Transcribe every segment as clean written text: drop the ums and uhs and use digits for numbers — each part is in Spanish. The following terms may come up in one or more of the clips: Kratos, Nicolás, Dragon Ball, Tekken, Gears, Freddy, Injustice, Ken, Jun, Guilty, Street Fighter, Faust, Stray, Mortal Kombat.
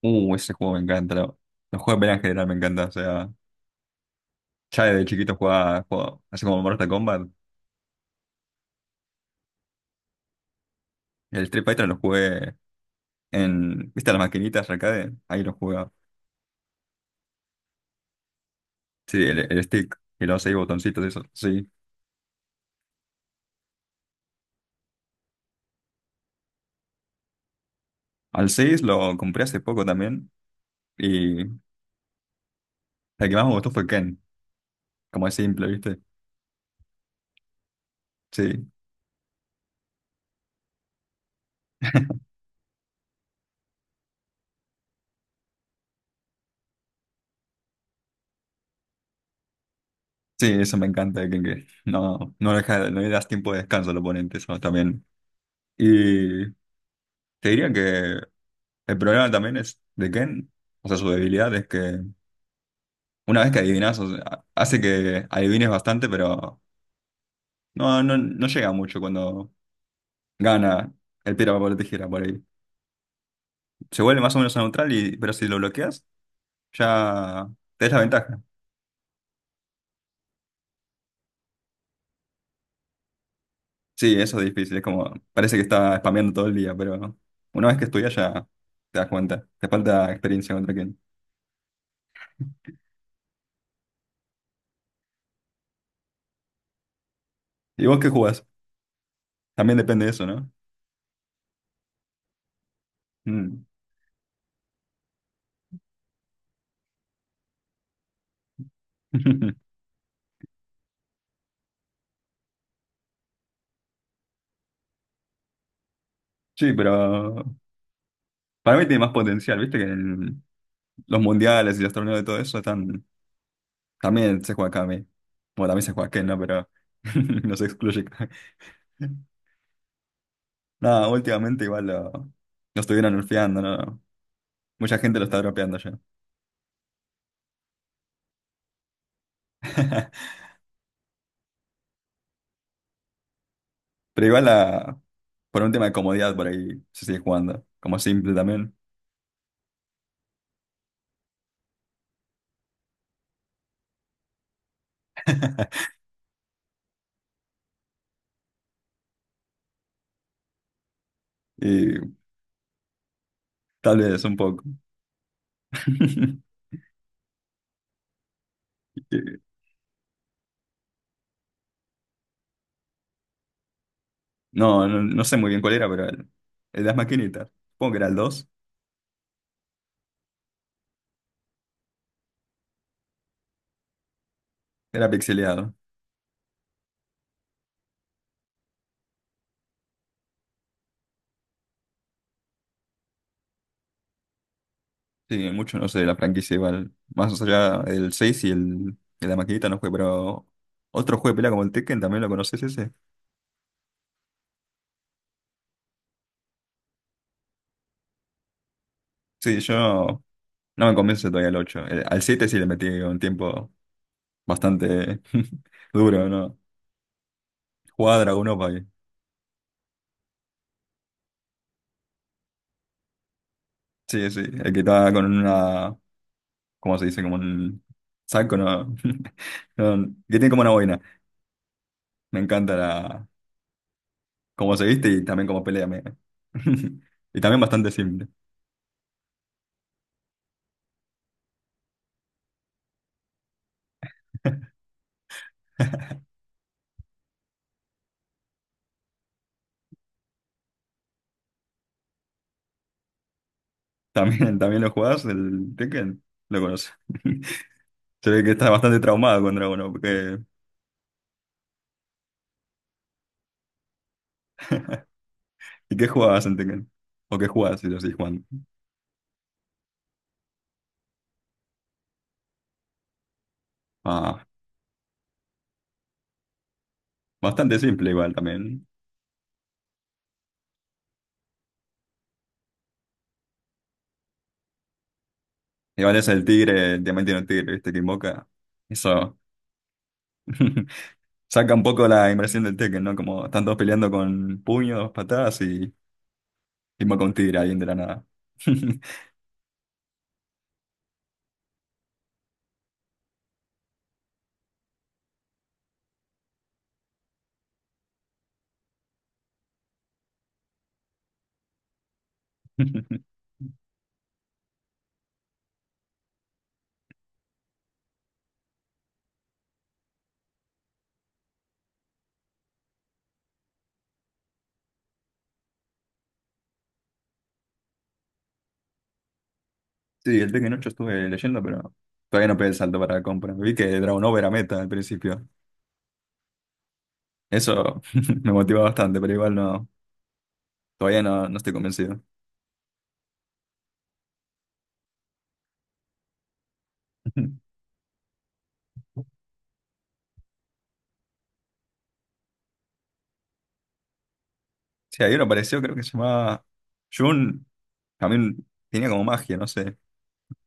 Ese juego me encanta. Los juegos de pelea en general me encantan. O sea, ya desde chiquito jugaba así como Mortal Kombat. El Street Fighter lo jugué en, ¿viste las maquinitas arcade? Ahí lo jugaba. Sí, el stick y los seis botoncitos, eso. Sí. Al 6 lo compré hace poco también. Y el que más me gustó fue Ken. Como es simple, ¿viste? Sí. Sí, eso me encanta de Ken, que no, no, deja, no le das tiempo de descanso al oponente, eso también. Y te diría que. El problema también es de Ken, o sea, su debilidad es que una vez que adivinas, o sea, hace que adivines bastante, pero no, no, no llega mucho cuando gana el piedra, papel o tijera por ahí. Se vuelve más o menos neutral, y, pero si lo bloqueas, ya te das la ventaja. Sí, eso es difícil, es como, parece que está spameando todo el día, pero una vez que estudias ya te das cuenta, te falta experiencia contra Ken. ¿Y vos qué jugás? También depende de eso, ¿no? Mm. Sí, pero para mí tiene más potencial, viste que el los mundiales y los torneos y todo eso están, también se juega acá a mí. Bueno, también se juega aquí, ¿no? Pero no se excluye. Nada, últimamente igual lo estuvieron nerfeando, ¿no? Mucha gente lo está dropeando ya. Pero igual por un tema de comodidad por ahí se sigue jugando, como simple también. Y tal vez un poco. No, no, no sé muy bien cuál era, pero el de las maquinitas. Supongo que era el 2. Era pixeleado. Sí, mucho no sé de la franquicia igual. Más allá del 6 y de la maquinita no fue, pero otro juego de pelea como el Tekken, ¿también lo conoces ese? Sí, yo no, no me convence todavía el ocho. Al 7 sí le metí un tiempo bastante duro, ¿no? Jugaba Dragon Opa ahí. Sí, sí, el que estaba con una, ¿cómo se dice? Como un saco, ¿no? No, que tiene como una boina. Me encanta cómo se viste y también cómo pelea. Y también bastante simple. ¿También lo jugás, el Tekken? Lo conoces. Se ve que estás bastante traumado con Dragon Ball. ¿Y qué jugabas en Tekken? ¿O qué jugabas si lo seguís jugando? Ah, bastante simple igual también. Igual es el tigre, el diamante no tigre, ¿viste? Que invoca. Eso saca un poco la inversión del Tekken, ¿no? Como están todos peleando con puños, patadas y invoca un tigre alguien de la nada. Sí, el Tekken 8 estuve leyendo, pero todavía no pegué el salto para la compra. Vi que Dragon Ball era meta al principio. Eso me motiva bastante, pero igual no, todavía no, no estoy convencido. Sí, hay uno apareció, creo que se llamaba Jun. También tenía como magia, no sé.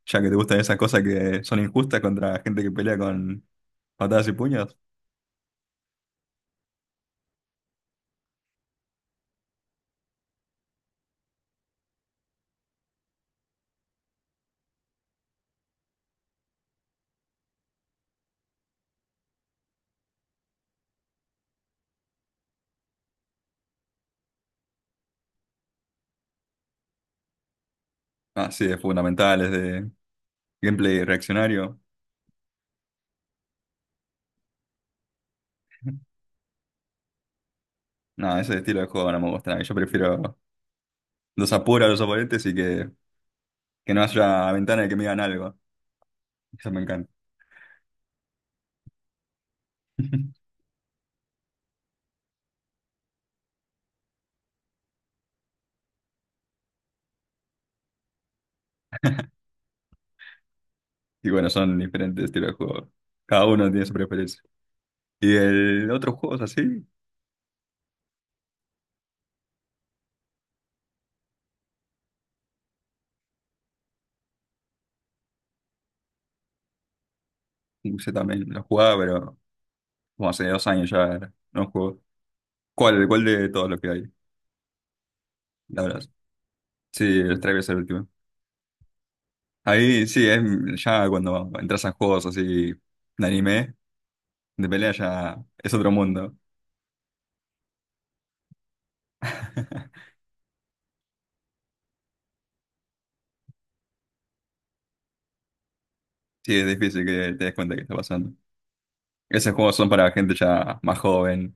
Ya que te gustan esas cosas que son injustas contra gente que pelea con patadas y puños. Ah, sí, de fundamentales, de gameplay reaccionario. No, ese estilo de juego no me gusta nada. Yo prefiero los apuros a los oponentes y que no haya ventana de que me digan algo. Eso me encanta. Y bueno, son diferentes estilos de juego. Cada uno tiene su preferencia. Y el otro juego así, usé también, lo jugaba, pero como hace 2 años ya no juego. ¿Cuál de todos los que hay? La verdad. Sí, el Stray es el último. Ahí sí, es ya cuando entras a juegos así de anime, de pelea ya es otro mundo. Sí, es difícil que te des cuenta que está pasando. Esos juegos son para gente ya más joven.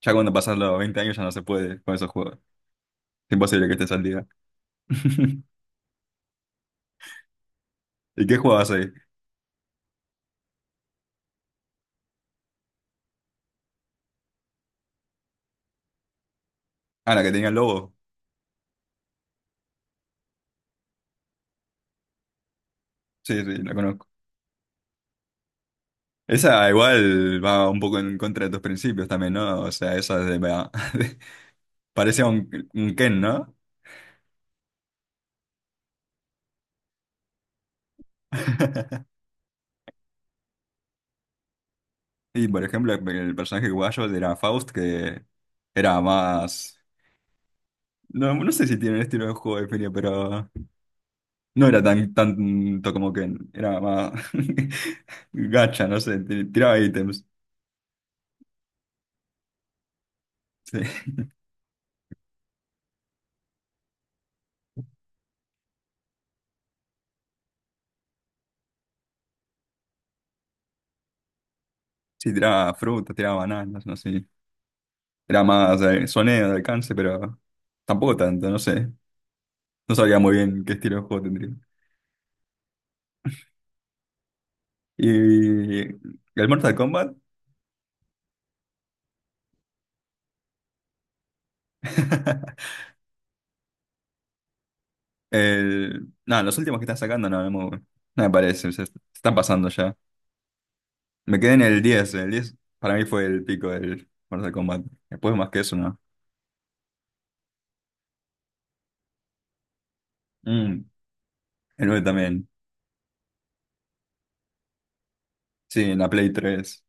Ya cuando pasas los 20 años ya no se puede con esos juegos. Es imposible que estés al día. ¿Y qué jugabas ahí? Ah, la que tenía el lobo. Sí, sí, la conozco. Esa igual va un poco en contra de tus principios también, ¿no? O sea, esa de, parece un Ken, ¿no? Y por ejemplo, el personaje guayo era Faust, que era más... No, no sé si tiene un estilo de juego de definido, pero no era tan tanto como Ken, era más gacha, no sé, tiraba ítems, sí, Sí, tiraba frutas, tiraba bananas, no sé, era más soneo de alcance, pero tampoco tanto, no sé, no sabía muy bien qué estilo de juego tendría. Y el Mortal Kombat, No, los últimos que están sacando no, no me parecen, se están pasando ya. Me quedé en el diez. El diez para mí fue el pico del Mortal Kombat. Después más que eso, ¿no? Mm, el 9 también, sí, en la Play 3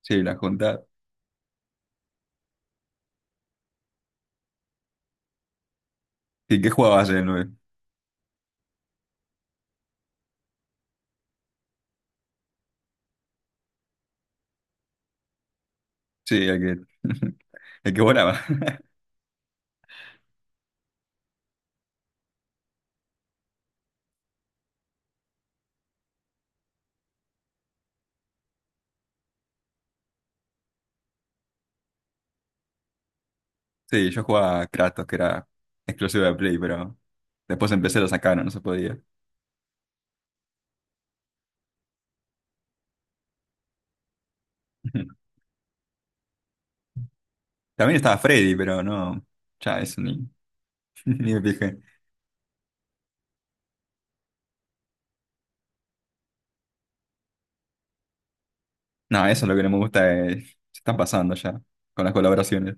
sí, la junta. ¿Y qué jugabas en el nueve? Sí, el que, el que volaba. Sí, yo jugaba a Kratos, que era exclusivo de Play, pero después empecé lo sacaron, no se podía. También estaba Freddy, pero no, ya eso ni... Ni me fijé. No, eso es lo que no me gusta. Se están pasando ya con las colaboraciones.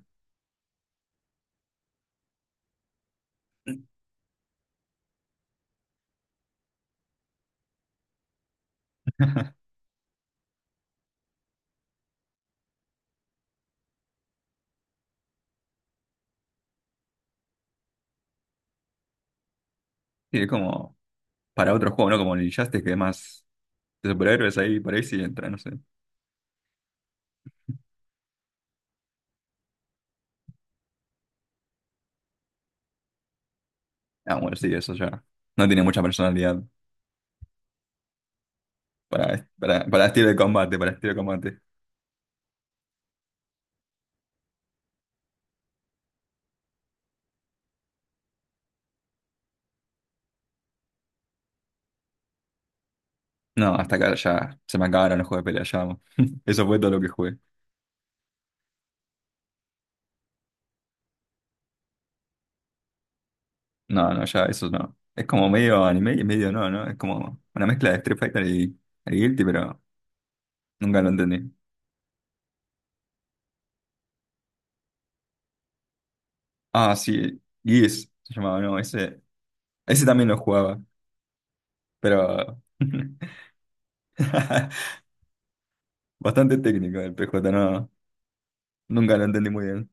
Y es como para otro juego, ¿no? Como el Injustice, que es más de superhéroes ahí, por ahí sí entra, no sé. Ah, bueno, sí, eso ya. No tiene mucha personalidad para estilo de combate, para estilo de combate. No, hasta acá ya se me acabaron los juegos de pelea, ya. Eso fue todo lo que jugué. No, no, ya, eso no. Es como medio anime y medio no, ¿no? Es como una mezcla de Street Fighter y Guilty, pero nunca lo entendí. Ah, sí, Gears se llamaba, no, ese. Ese también lo jugaba, pero bastante técnico el P PJ, no, nunca lo entendí muy bien.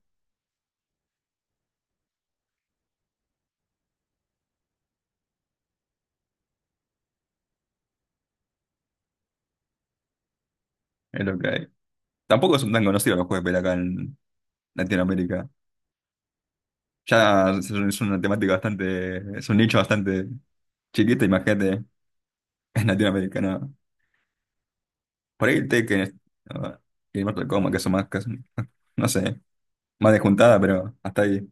Es lo que hay. Tampoco son tan conocidos los juegos de pelea acá en Latinoamérica. Ya es es una temática bastante, es un nicho bastante chiquito, imagínate, en Latinoamérica, ¿no? Por ahí el Tekken. Ah, y el Mortal Kombat, que son más, no sé, más de juntada, pero hasta ahí.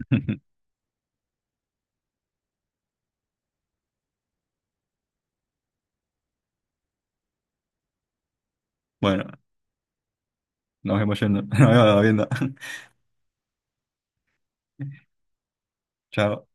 Bueno, nos vemos yendo, nos vemos viendo. Chao.